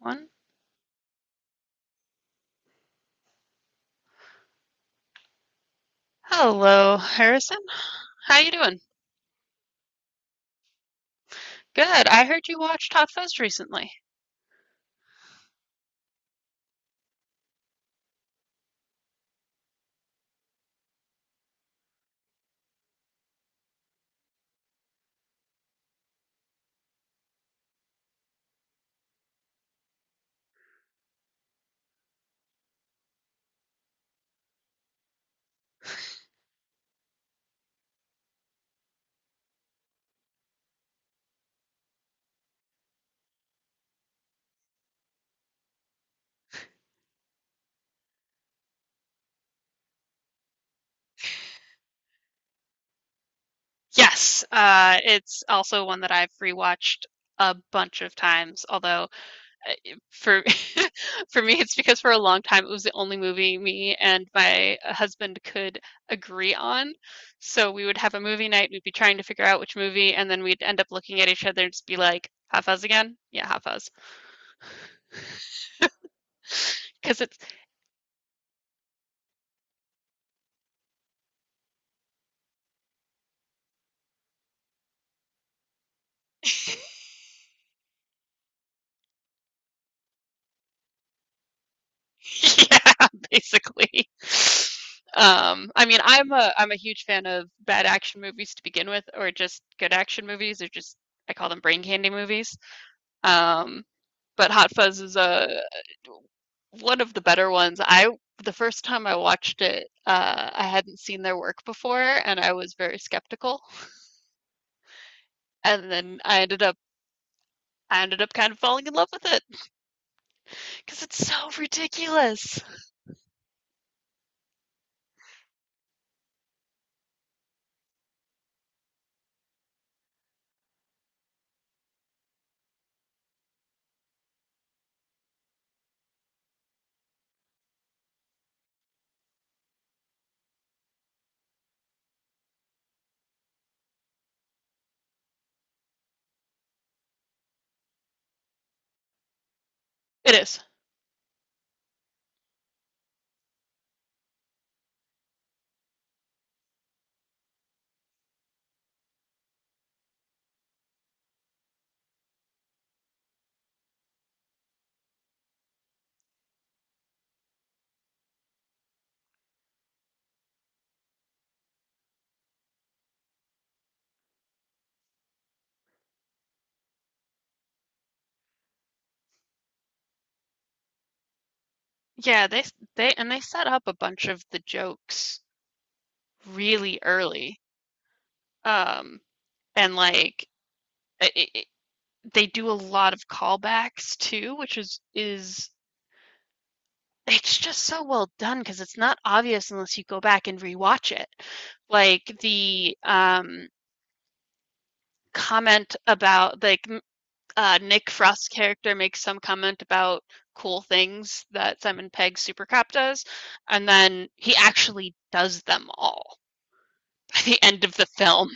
One. Hello, Harrison. How you doing? Good. I heard you watched Hot Fuzz recently. Yes, it's also one that I've rewatched a bunch of times. Although for for me, it's because for a long time it was the only movie me and my husband could agree on. So we would have a movie night. We'd be trying to figure out which movie, and then we'd end up looking at each other and just be like, "Hot Fuzz again? Yeah, Hot Fuzz." Because it's. Yeah, basically. I mean, I'm a huge fan of bad action movies to begin with, or just good action movies, or just I call them brain candy movies. Um, but Hot Fuzz is a one of the better ones. I the first time I watched it, I hadn't seen their work before, and I was very skeptical. And then I ended up kind of falling in love with it because it's so ridiculous. It is. Yeah, they and they set up a bunch of the jokes really early. Um, and like I they do a lot of callbacks too, which is it's just so well done because it's not obvious unless you go back and rewatch it. Like the comment about, like, Nick Frost's character makes some comment about cool things that Simon Pegg's Supercop does, and then he actually does them all by the end of the film.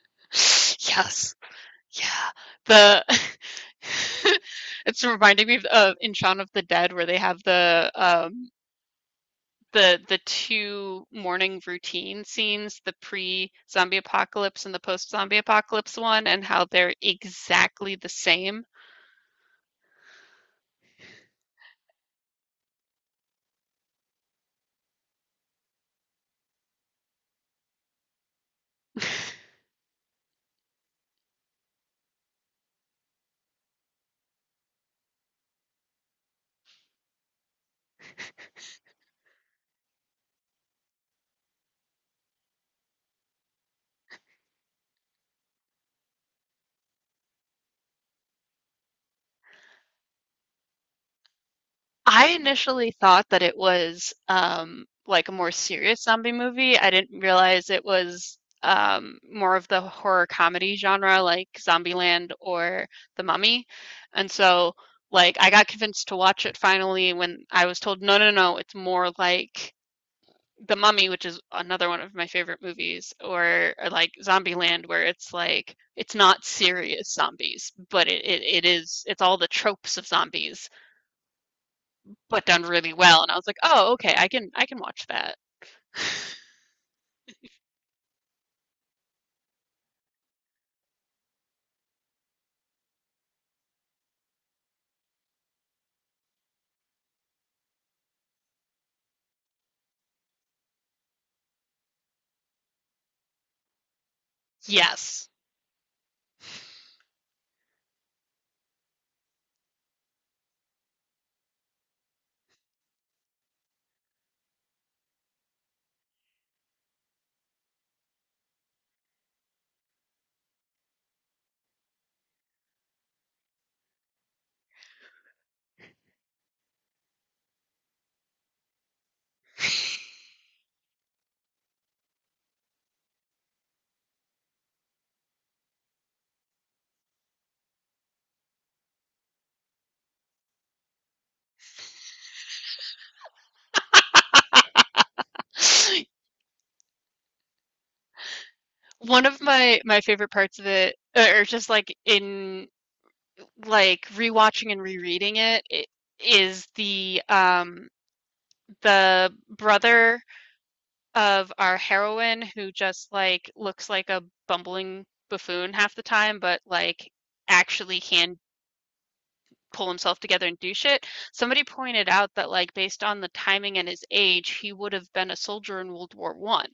Yes. Yeah, the it's reminding me of in Shaun of the Dead where they have the 2 morning routine scenes, the pre-zombie apocalypse and the post-zombie apocalypse one, and how they're exactly the same. I initially thought that it was, like, a more serious zombie movie. I didn't realize it was, more of the horror comedy genre, like Zombieland or The Mummy, and so, like, I got convinced to watch it finally when I was told, "No, no, no, it's more like The Mummy," which is another one of my favorite movies, or like Zombieland, where it's like it's not serious zombies, but it's all the tropes of zombies but done really well. And I was like, oh, okay, I can watch that. Yes. One of my favorite parts of it, or just like in, like, rewatching and rereading it, it is the brother of our heroine who just like looks like a bumbling buffoon half the time, but like actually can pull himself together and do shit. Somebody pointed out that, like, based on the timing and his age, he would have been a soldier in World War I.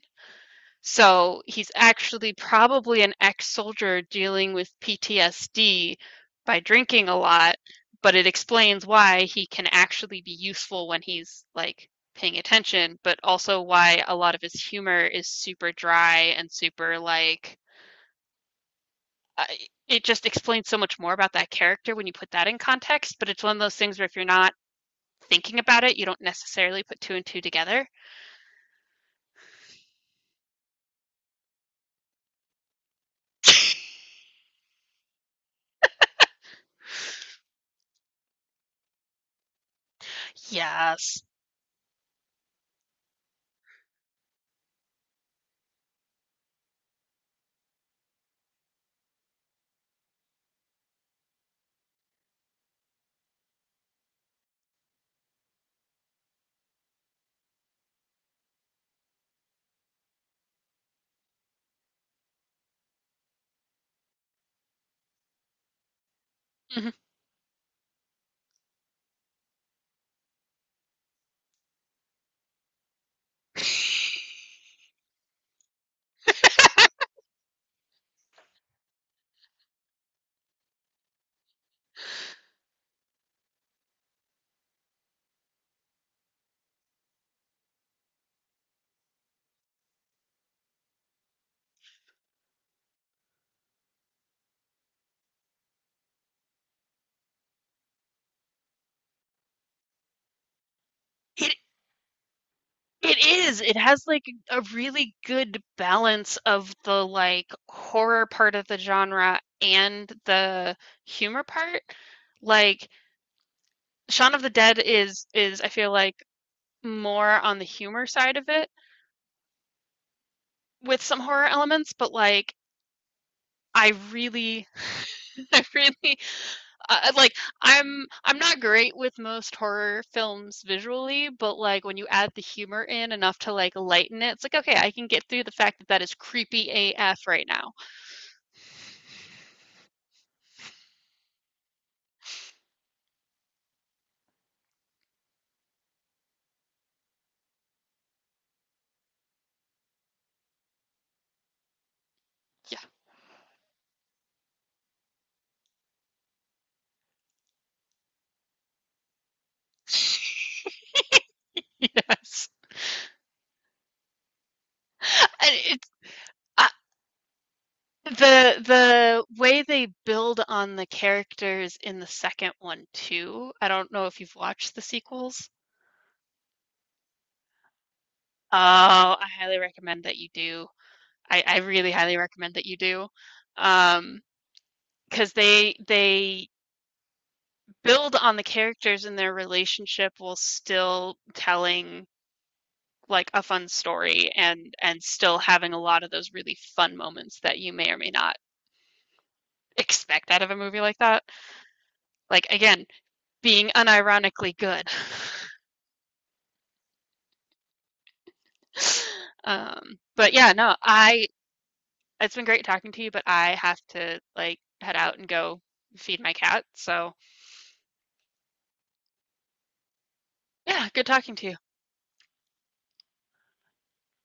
So he's actually probably an ex-soldier dealing with PTSD by drinking a lot, but it explains why he can actually be useful when he's like paying attention, but also why a lot of his humor is super dry and super like I- it just explains so much more about that character when you put that in context, but it's one of those things where if you're not thinking about it, you don't necessarily put two and two together. Yes. Mhm. It it is. It has like a really good balance of the like horror part of the genre and the humor part. Like Shaun of the Dead is I feel like more on the humor side of it with some horror elements, but like I really I really, I, like, I'm not great with most horror films visually, but like when you add the humor in enough to like lighten it, it's like okay, I can get through the fact that that is creepy AF right now. Yeah. Yes. And it's uh, the way they build on the characters in the second one too. I don't know if you've watched the sequels. Oh, I highly recommend that you do. I really highly recommend that you do. Um, because they build on the characters and their relationship while still telling like a fun story and still having a lot of those really fun moments that you may or may not expect out of a movie like that, like, again being unironically good. But yeah, no, I it's been great talking to you, but I have to like head out and go feed my cat, so yeah, good talking to you.